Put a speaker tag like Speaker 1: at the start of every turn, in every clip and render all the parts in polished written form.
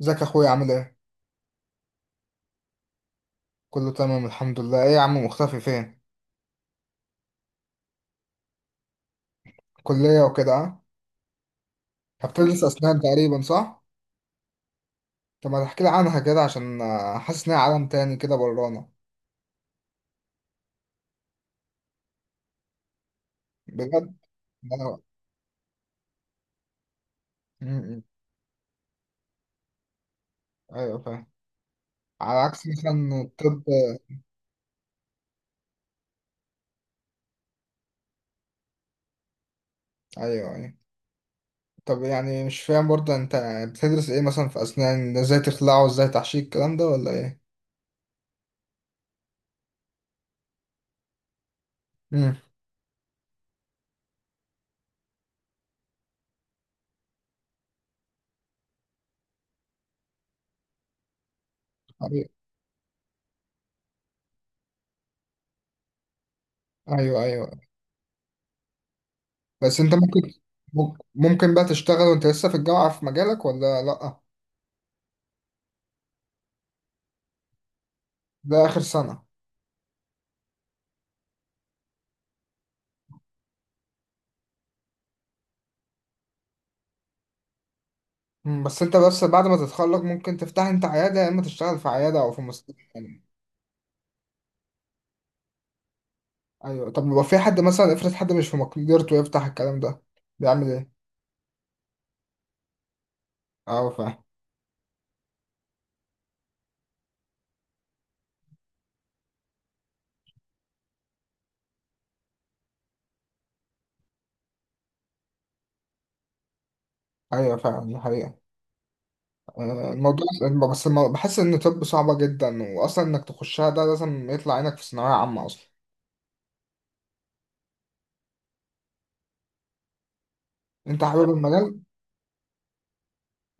Speaker 1: ازيك يا اخويا عامل ايه؟ كله تمام الحمد لله، ايه يا عم مختفي فين؟ كلية وكده اه؟ هبتدرس اسنان تقريبا صح؟ طب ما تحكي لي عنها كده عشان حاسس انها عالم تاني كده برانا. بجد؟ أنا- م- م. ايوه فاهم. على عكس مثلا الطب. ايوه ايوه. طب يعني مش فاهم برضه انت بتدرس ايه مثلا في اسنان؟ ازاي تخلعه؟ ازاي تحشيه الكلام ده ولا ايه؟ امم. ايوه ايوه ايوه. بس انت ممكن ممكن بقى تشتغل وانت لسه في الجامعة في مجالك ولا لأ؟ ده آخر سنة. مم، بس انت بعد ما تتخرج ممكن تفتح انت عيادة يا اما تشتغل في عيادة او في مستشفى يعني. ايوه. طب لو في حد مثلا، افرض حد مش في مقدرته يفتح الكلام ده، بيعمل ايه؟ اه فاهم. ايوه فعلا دي حقيقة. الموضوع. بحس ان طب صعبة جدا، واصلا انك تخشها ده لازم يطلع عينك في ثانوية عامة اصلا. انت حابب المجال؟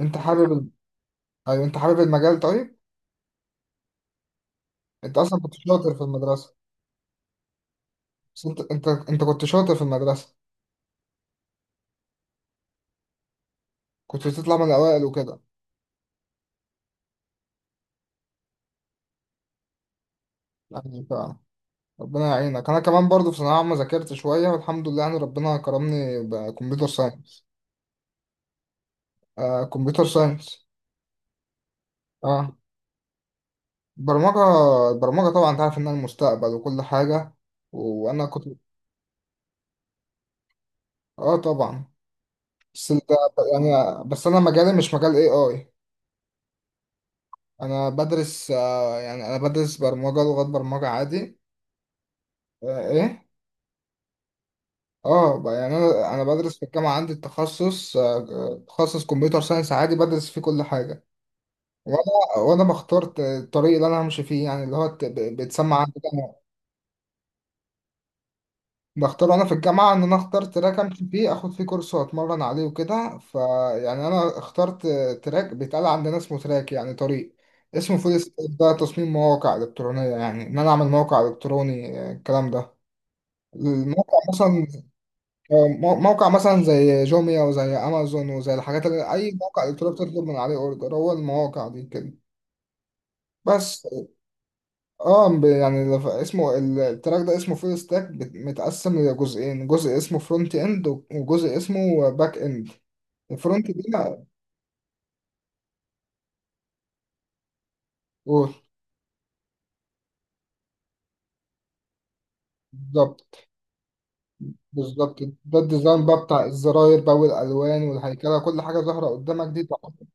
Speaker 1: انت حابب ال... ايوه انت حابب المجال طيب؟ انت اصلا كنت شاطر في المدرسة. بس انت كنت شاطر في المدرسة. كنت بتطلع من الاوائل وكده يعني. ربنا يعينك. انا كمان برضو في ثانويه عامه ذاكرت شويه والحمد لله، يعني ربنا كرمني بكمبيوتر ساينس. آه كمبيوتر ساينس. اه. برمجه. البرمجه طبعا انت عارف انها المستقبل وكل حاجه. وانا كنت. اه طبعا. بس انت يعني بس انا مجالي مش مجال اي اي انا بدرس يعني انا بدرس برمجه، لغات برمجه عادي. آه ايه. اه يعني انا بدرس في الجامعه عندي التخصص تخصص كمبيوتر ساينس عادي، بدرس فيه كل حاجه. وانا بختار الطريق اللي انا همشي فيه، يعني اللي هو بيتسمى عندي جامعة. بختاره انا في الجامعه، ان انا اختار تراك امشي فيه اخد فيه كورس واتمرن عليه وكده، فيعني انا اخترت تراك. بيتقال عندنا اسمه تراك، يعني طريق. اسمه فول ستاك. ده تصميم مواقع الكترونيه، يعني ان انا اعمل موقع الكتروني الكلام ده. الموقع مثلا موقع مثلا زي جوميا وزي امازون وزي الحاجات، اللي اي موقع الكتروني بتطلب من عليه اوردر، هو المواقع دي كده. بس. اه يعني التراك ده اسمه فول ستاك، متقسم لجزئين، جزء اسمه فرونت اند وجزء اسمه باك اند. الفرونت ده أوه، بالظبط بالظبط. ده الديزاين بقى بتاع الزراير بقى والالوان والهيكله، كل حاجه ظاهره قدامك دي تحفة.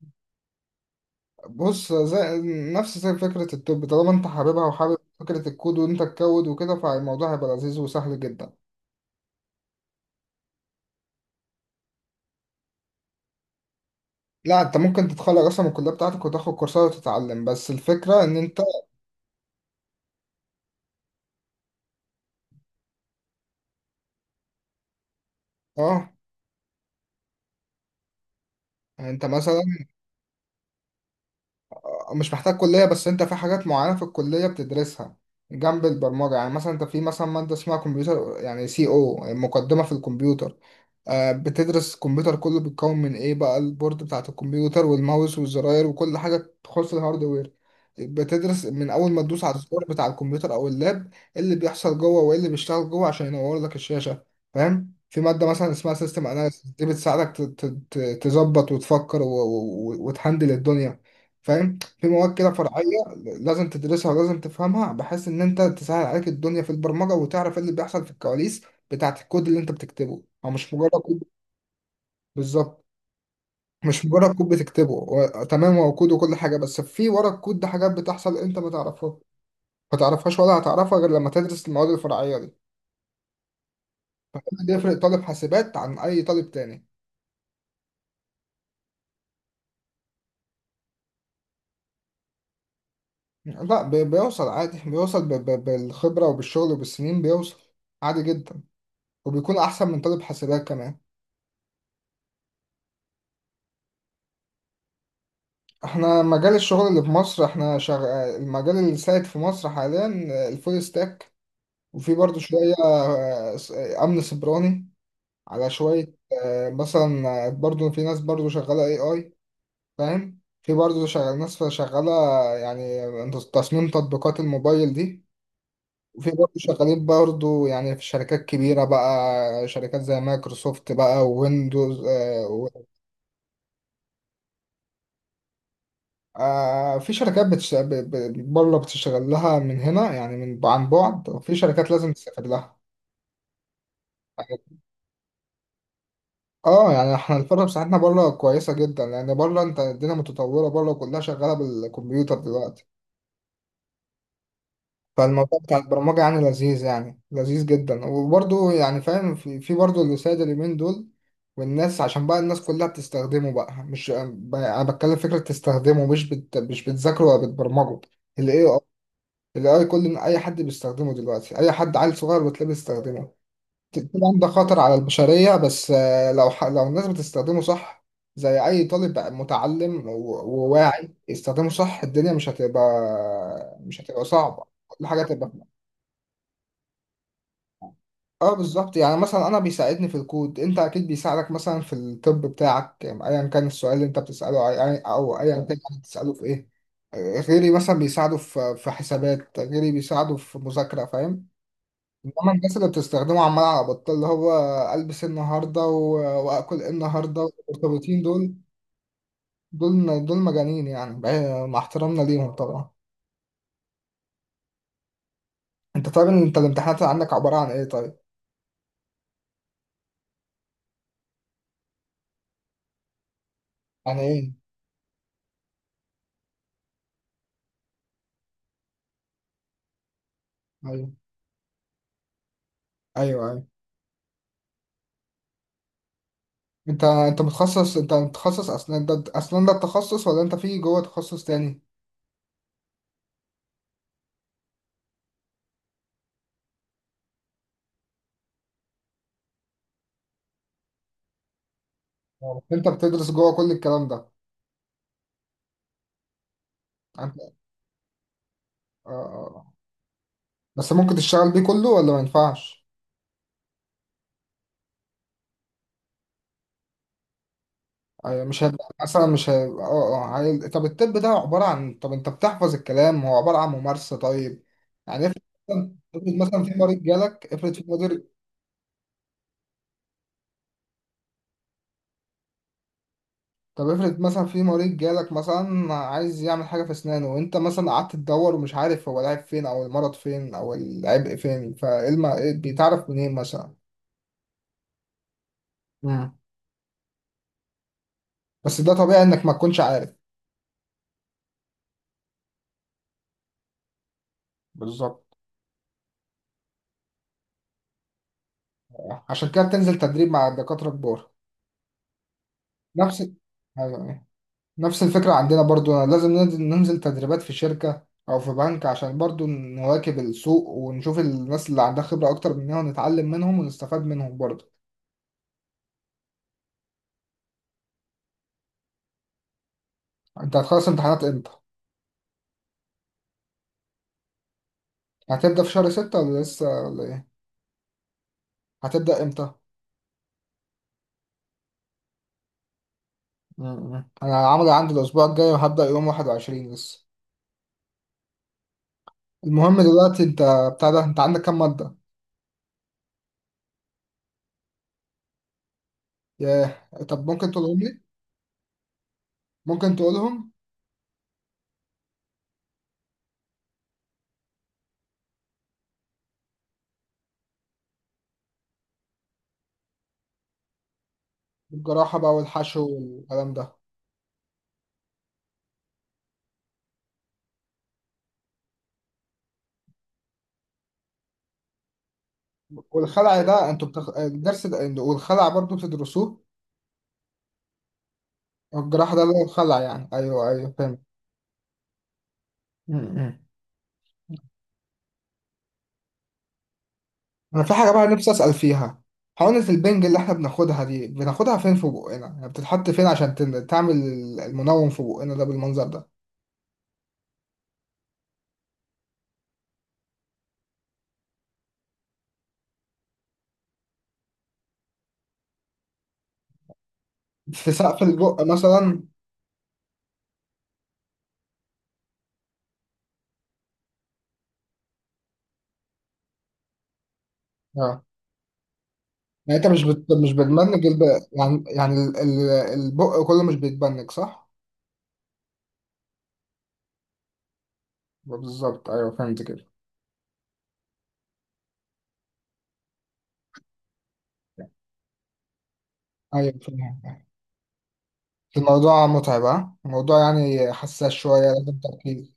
Speaker 1: بص زي نفس زي فكره التوب، طالما انت حاببها وحابب فكره الكود وانت تكود وكده فالموضوع هيبقى لذيذ وسهل جدا. لا انت ممكن تتخرج اصلا من الكليه بتاعتك وتاخد كورسات وتتعلم، بس الفكره ان انت اه يعني انت مثلا مش محتاج كلية، بس انت في حاجات معينة في الكلية بتدرسها جنب البرمجة، يعني مثلا انت في مثلا مادة اسمها كمبيوتر يعني سي، او مقدمة في الكمبيوتر. بتدرس الكمبيوتر كله بيتكون من ايه بقى، البورد بتاعت الكمبيوتر والماوس والزراير وكل حاجة تخص الهاردوير. بتدرس من اول ما تدوس على الزرار بتاع الكمبيوتر او اللاب إيه اللي بيحصل جوه وايه اللي بيشتغل جوه عشان ينور لك الشاشة. فاهم؟ في مادة مثلا اسمها سيستم اناليسيس، دي بتساعدك تظبط وتفكر وتهندل الدنيا. فاهم؟ في مواد كده فرعية لازم تدرسها ولازم تفهمها، بحيث إن أنت تسهل عليك الدنيا في البرمجة وتعرف إيه اللي بيحصل في الكواليس بتاعة الكود اللي أنت بتكتبه، أو مش مجرد كود. بالظبط. مش مجرد كود بتكتبه و... تمام، هو كود وكل حاجة، بس في ورا الكود ده حاجات بتحصل أنت ما تعرفها، ما تعرفهاش ولا هتعرفها غير لما تدرس المواد الفرعية دي. فده اللي يفرق طالب حاسبات عن أي طالب تاني. لا بيوصل عادي، بيوصل بالخبرة وبالشغل وبالسنين بيوصل عادي جدا، وبيكون أحسن من طالب حاسبات كمان. احنا مجال الشغل اللي في مصر، احنا المجال اللي سائد في مصر حاليا الفول ستاك، وفي برضو شوية أمن سيبراني على شوية. آه، مثلا آه، برضو في ناس برضو شغالة اي اي فاهم؟ في برضو شغال، ناس شغالة يعني تصميم تطبيقات الموبايل دي. وفي برضو شغالين برضو يعني في شركات كبيرة بقى، شركات زي مايكروسوفت بقى وويندوز. آه في شركات بره بتشتغل لها من هنا يعني من عن بعد، وفي شركات لازم تسافر لها. اه يعني احنا الفرق بتاعتنا بره كويسه جدا، لان بره انت الدنيا متطوره بره، كلها شغاله بالكمبيوتر دلوقتي. فالموضوع بتاع البرمجه يعني لذيذ، يعني لذيذ جدا وبرضه يعني فاهم في برضه اللي سايد اليومين دول، والناس عشان بقى الناس كلها بتستخدمه بقى، مش انا بتكلم فكره تستخدمه، مش مش بتذاكره ولا بتبرمجه. ال AI. الاي كل اي حد بيستخدمه دلوقتي، اي حد عيل صغير بتلاقيه بيستخدمه. طبعا ده خطر على البشرية، بس لو الناس بتستخدمه صح، زي أي طالب متعلم وواعي يستخدمه صح، الدنيا مش هتبقى، مش هتبقى صعبة، كل حاجة هتبقى. اه بالظبط، يعني مثلا أنا بيساعدني في الكود، أنت أكيد بيساعدك مثلا في الطب بتاعك أيا كان السؤال اللي أنت بتسأله، أو أيا كان يعني بتسأله في إيه. غيري مثلا بيساعده في حسابات، غيري بيساعده في مذاكرة. فاهم؟ انما الناس اللي بتستخدمه عمال على بطال اللي هو البس إيه النهارده واكل إيه النهارده والمرتبطين دول، دول مجانين يعني بعيد- مع احترامنا ليهم طبعا. انت طيب انت الامتحانات اللي عندك عباره عن ايه طيب؟ عن ايه؟ ايوه ايوه ايوه. انت متخصص، انت متخصص اسنان، ده اسنان ده التخصص ولا انت في جوه تخصص تاني؟ آه. انت بتدرس جوه كل الكلام ده؟ انت آه. آه. بس ممكن تشتغل بيه كله ولا ما ينفعش؟ أيوة، مش هيبقى مثلا مش هي... اه اه هي... طب الطب ده عبارة عن طب، انت بتحفظ الكلام هو عبارة عن ممارسة طيب. يعني افرض مثلا، افرض مثلا في مريض جالك، افرض في مدير. طب افرض مثلا في مريض جالك مثلا عايز يعمل حاجة في اسنانه، وانت مثلا قعدت تدور ومش عارف هو العيب فين او المرض فين او العبء فين، إيه بيتعرف منين مثلا؟ مم. بس ده طبيعي انك ما تكونش عارف. بالظبط. عشان كده بتنزل تدريب مع الدكاترة كبار. نفس أيوة. نفس الفكرة عندنا برضو، لازم ننزل تدريبات في شركة أو في بنك عشان برضو نواكب السوق ونشوف الناس اللي عندها خبرة أكتر مننا ونتعلم منهم ونستفاد منهم برضو. أنت هتخلص امتحانات إمتى؟ هتبدأ في شهر ستة ولا لسه ولا إيه؟ هتبدأ إمتى؟ مم. أنا عملي عندي الأسبوع الجاي وهبدأ يوم واحد وعشرين لسه. المهم دلوقتي أنت بتاع ده أنت عندك كام مادة؟ ياه طب ممكن تقولهم لي؟ ممكن تقولهم؟ الجراحة بقى والحشو والكلام ده. والخلع ده انتوا الدرس ده والخلع برضو بتدرسوه؟ الجراح ده اللي هو الخلع يعني، ايوه ايوه فهمت. م. انا في حاجه بقى نفسي اسال فيها. حقنه البنج اللي احنا بناخدها دي بناخدها فين في بقنا؟ يعني بتتحط فين عشان تعمل المنوم في بقنا ده بالمنظر ده؟ في سقف البق مثلا؟ اه يعني انت مش بتبنج يعني يعني البق كله مش بيتبنج صح؟ بالظبط ايوه فهمت كده. ايوه فهمت. الموضوع متعب ها؟ الموضوع يعني حساس شويه لازم تركيز.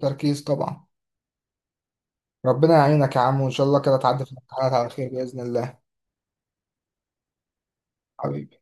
Speaker 1: تركيز طبعا. ربنا يعينك يا عم وان شاء الله كده تعدي في الامتحانات على خير باذن الله. حبيبي.